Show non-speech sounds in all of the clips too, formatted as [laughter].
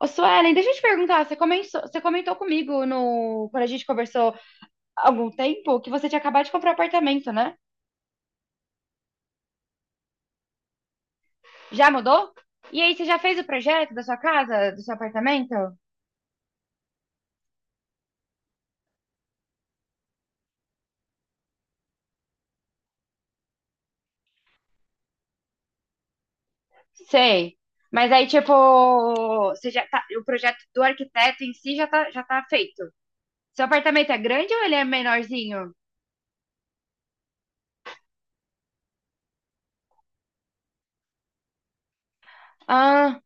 Ô, Suelen, deixa eu te perguntar, você comentou comigo no, quando a gente conversou há algum tempo que você tinha acabado de comprar apartamento, né? Já mudou? E aí, você já fez o projeto da sua casa, do seu apartamento? Sei. Mas aí, tipo, você já tá, o projeto do arquiteto em si já tá feito. Seu apartamento é grande ou ele é menorzinho? Ah,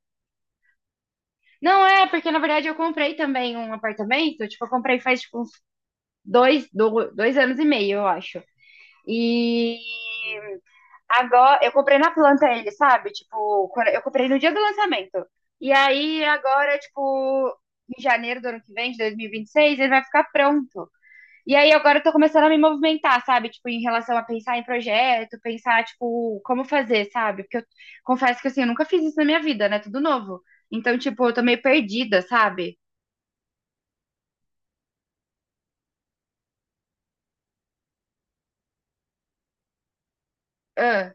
não é, porque na verdade eu comprei também um apartamento, tipo, eu comprei faz tipo uns dois anos e meio, eu acho. E agora, eu comprei na planta ele, sabe? Tipo, eu comprei no dia do lançamento. E aí, agora, tipo, em janeiro do ano que vem, de 2026, ele vai ficar pronto. E aí, agora eu tô começando a me movimentar, sabe? Tipo, em relação a pensar em projeto, pensar, tipo, como fazer, sabe? Porque eu confesso que, assim, eu nunca fiz isso na minha vida, né? Tudo novo. Então, tipo, eu tô meio perdida, sabe? Ah,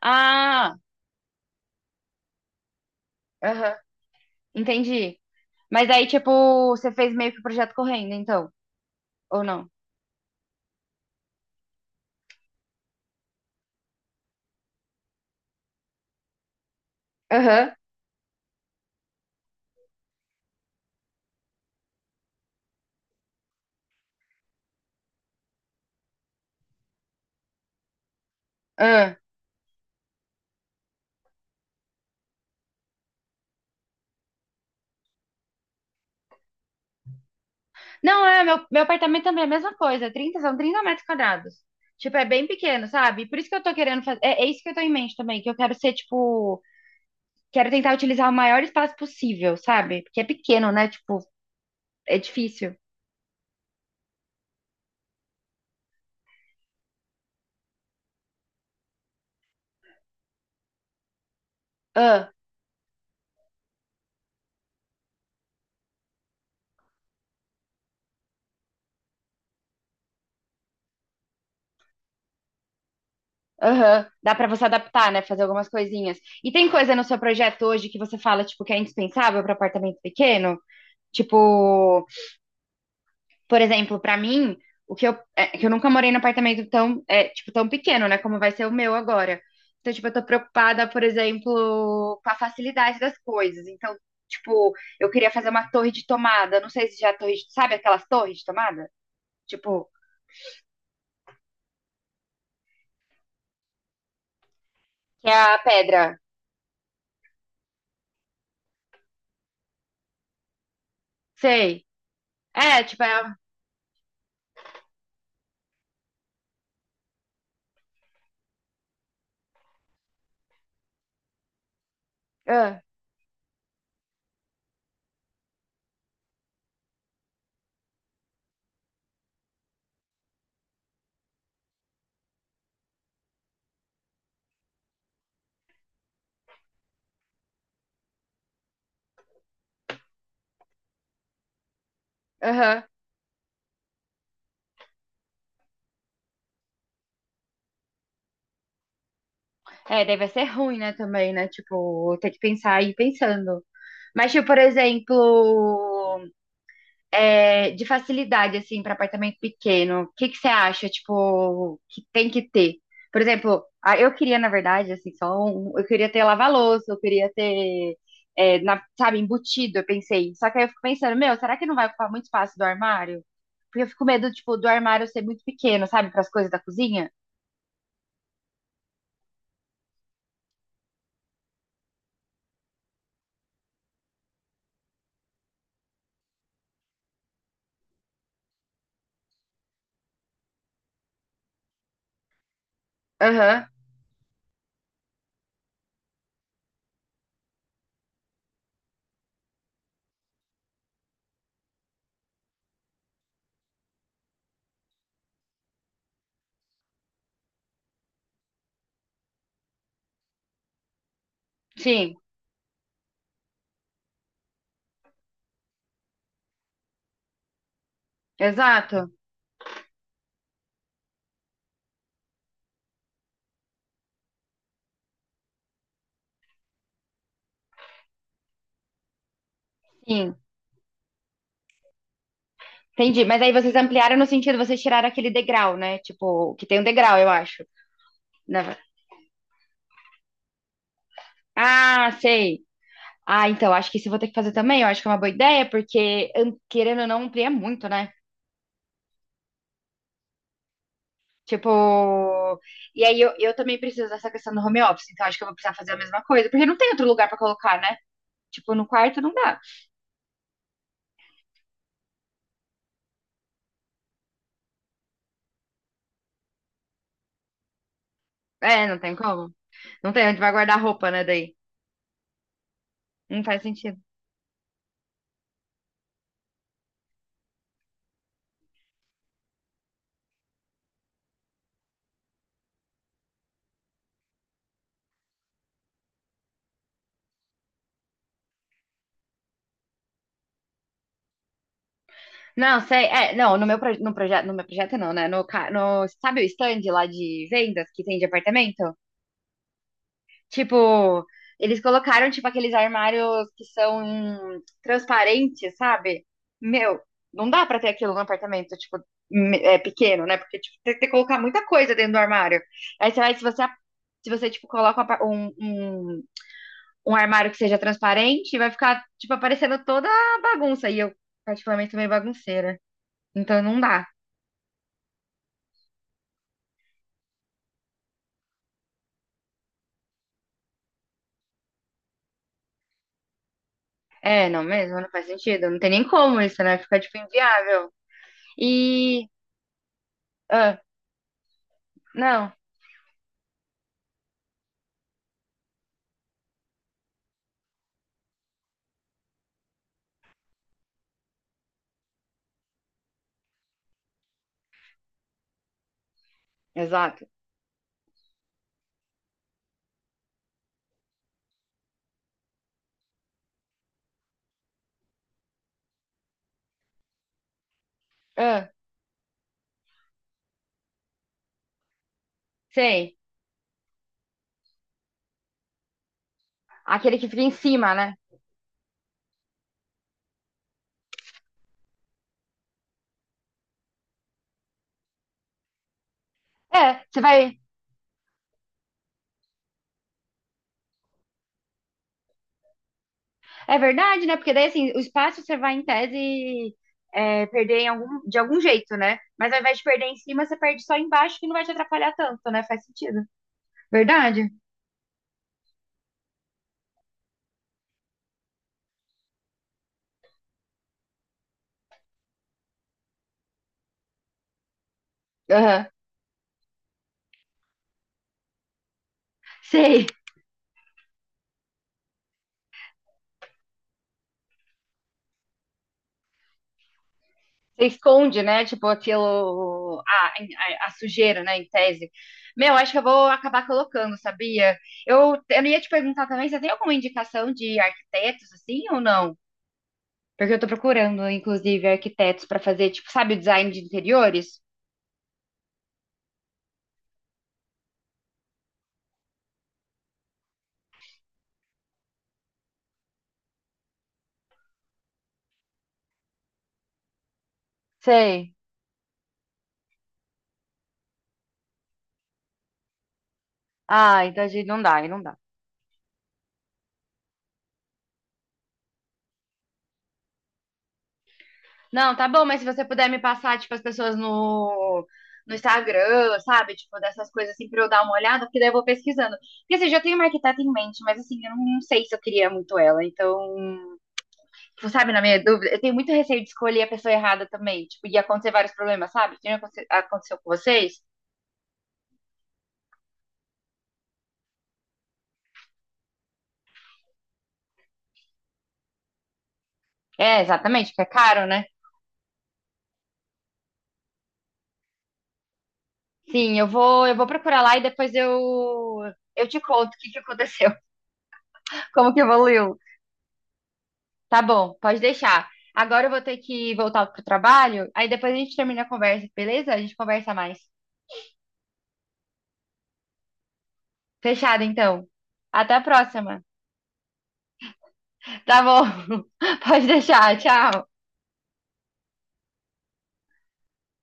ah, aham, entendi. Mas aí, tipo, você fez meio que o projeto correndo, então, ou não? Aham. Aham. Não, é, meu apartamento também é a mesma coisa. Trinta, são 30 metros quadrados. Tipo, é bem pequeno, sabe? Por isso que eu tô querendo fazer. É, é isso que eu tô em mente também, que eu quero ser, tipo. Quero tentar utilizar o maior espaço possível, sabe? Porque é pequeno, né? Tipo, é difícil. Ah, aham. Dá pra você adaptar, né? Fazer algumas coisinhas. E tem coisa no seu projeto hoje que você fala, tipo, que é indispensável pra apartamento pequeno? Tipo. Por exemplo, pra mim, o que eu, é que eu nunca morei num apartamento tão, é, tipo, tão pequeno, né? Como vai ser o meu agora. Então, tipo, eu tô preocupada, por exemplo, com a facilidade das coisas. Então, tipo, eu queria fazer uma torre de tomada. Não sei se já é torre, sabe aquelas torres de tomada? Tipo, que é a pedra. Sei. É, tipo, é. Ah, Aham. É, daí vai ser ruim, né, também, né? Tipo, ter que pensar e ir pensando. Mas, tipo, por exemplo. É, de facilidade, assim, para apartamento pequeno, o que que você acha, tipo, que tem que ter? Por exemplo, eu queria, na verdade, assim, só eu queria ter lava-louça, eu queria ter, é, sabe, embutido, eu pensei. Só que aí eu fico pensando, meu, será que não vai ocupar muito espaço do armário? Porque eu fico com medo, tipo, do armário ser muito pequeno, sabe, para as coisas da cozinha. Aham, sim, exato, sim. Entendi, mas aí vocês ampliaram no sentido, vocês tiraram aquele degrau, né? Tipo, que tem um degrau, eu acho. Né? Ah, sei. Ah, então, acho que isso eu vou ter que fazer também. Eu acho que é uma boa ideia, porque querendo ou não, amplia muito, né? Tipo. E aí eu também preciso dessa questão do home office, então acho que eu vou precisar fazer a mesma coisa, porque não tem outro lugar pra colocar, né? Tipo, no quarto não dá. É, não tem como. Não tem onde vai guardar roupa, né? Daí. Não faz sentido. Não, sei. É, não, no meu, no projeto, no meu projeto não, né? No, ca- no, sabe o stand lá de vendas que tem de apartamento? Tipo, eles colocaram, tipo, aqueles armários que são transparentes, sabe? Meu, não dá pra ter aquilo no apartamento, tipo, é pequeno, né? Porque, tipo, tem que colocar muita coisa dentro do armário. Aí você vai, se você, tipo, coloca um, apa- um, um um armário que seja transparente, vai ficar, tipo, aparecendo toda a bagunça. E eu, particularmente, sou meio bagunceira. Então não dá. É, não mesmo, não faz sentido. Não tem nem como isso, né? Fica, tipo, inviável. E. Ah, não, exato. Ah, sei. Aquele que fica em cima, né? É, você vai. É verdade, né? Porque daí, assim, o espaço você vai, em tese, é, perder em algum... de algum jeito, né? Mas ao invés de perder em cima, você perde só embaixo, que não vai te atrapalhar tanto, né? Faz sentido. Verdade. Aham. Sei. Você esconde, né? Tipo, aquilo. A sujeira, né? Em tese. Meu, acho que eu vou acabar colocando, sabia? Eu ia te perguntar também, você tem alguma indicação de arquitetos, assim, ou não? Porque eu tô procurando, inclusive, arquitetos pra fazer, tipo, sabe, o design de interiores? Sei. Ah, então a gente não dá, aí não dá. Não, tá bom, mas se você puder me passar, tipo, as pessoas no Instagram, sabe? Tipo, dessas coisas assim, pra eu dar uma olhada, porque daí eu vou pesquisando. Porque assim, eu já tenho uma arquiteta em mente, mas assim, eu não sei se eu queria muito ela. Então, tipo, sabe, na minha dúvida, eu tenho muito receio de escolher a pessoa errada também. Tipo, ia acontecer vários problemas, sabe? Que nem aconteceu com vocês. É, exatamente, porque é caro, né? Sim, eu vou procurar lá e depois eu te conto o que que aconteceu, [laughs] como que evoluiu. Tá bom, pode deixar. Agora eu vou ter que voltar pro trabalho, aí depois a gente termina a conversa, beleza? A gente conversa mais. Fechado, então. Até a próxima. Tá bom. [laughs] Pode deixar. Tchau.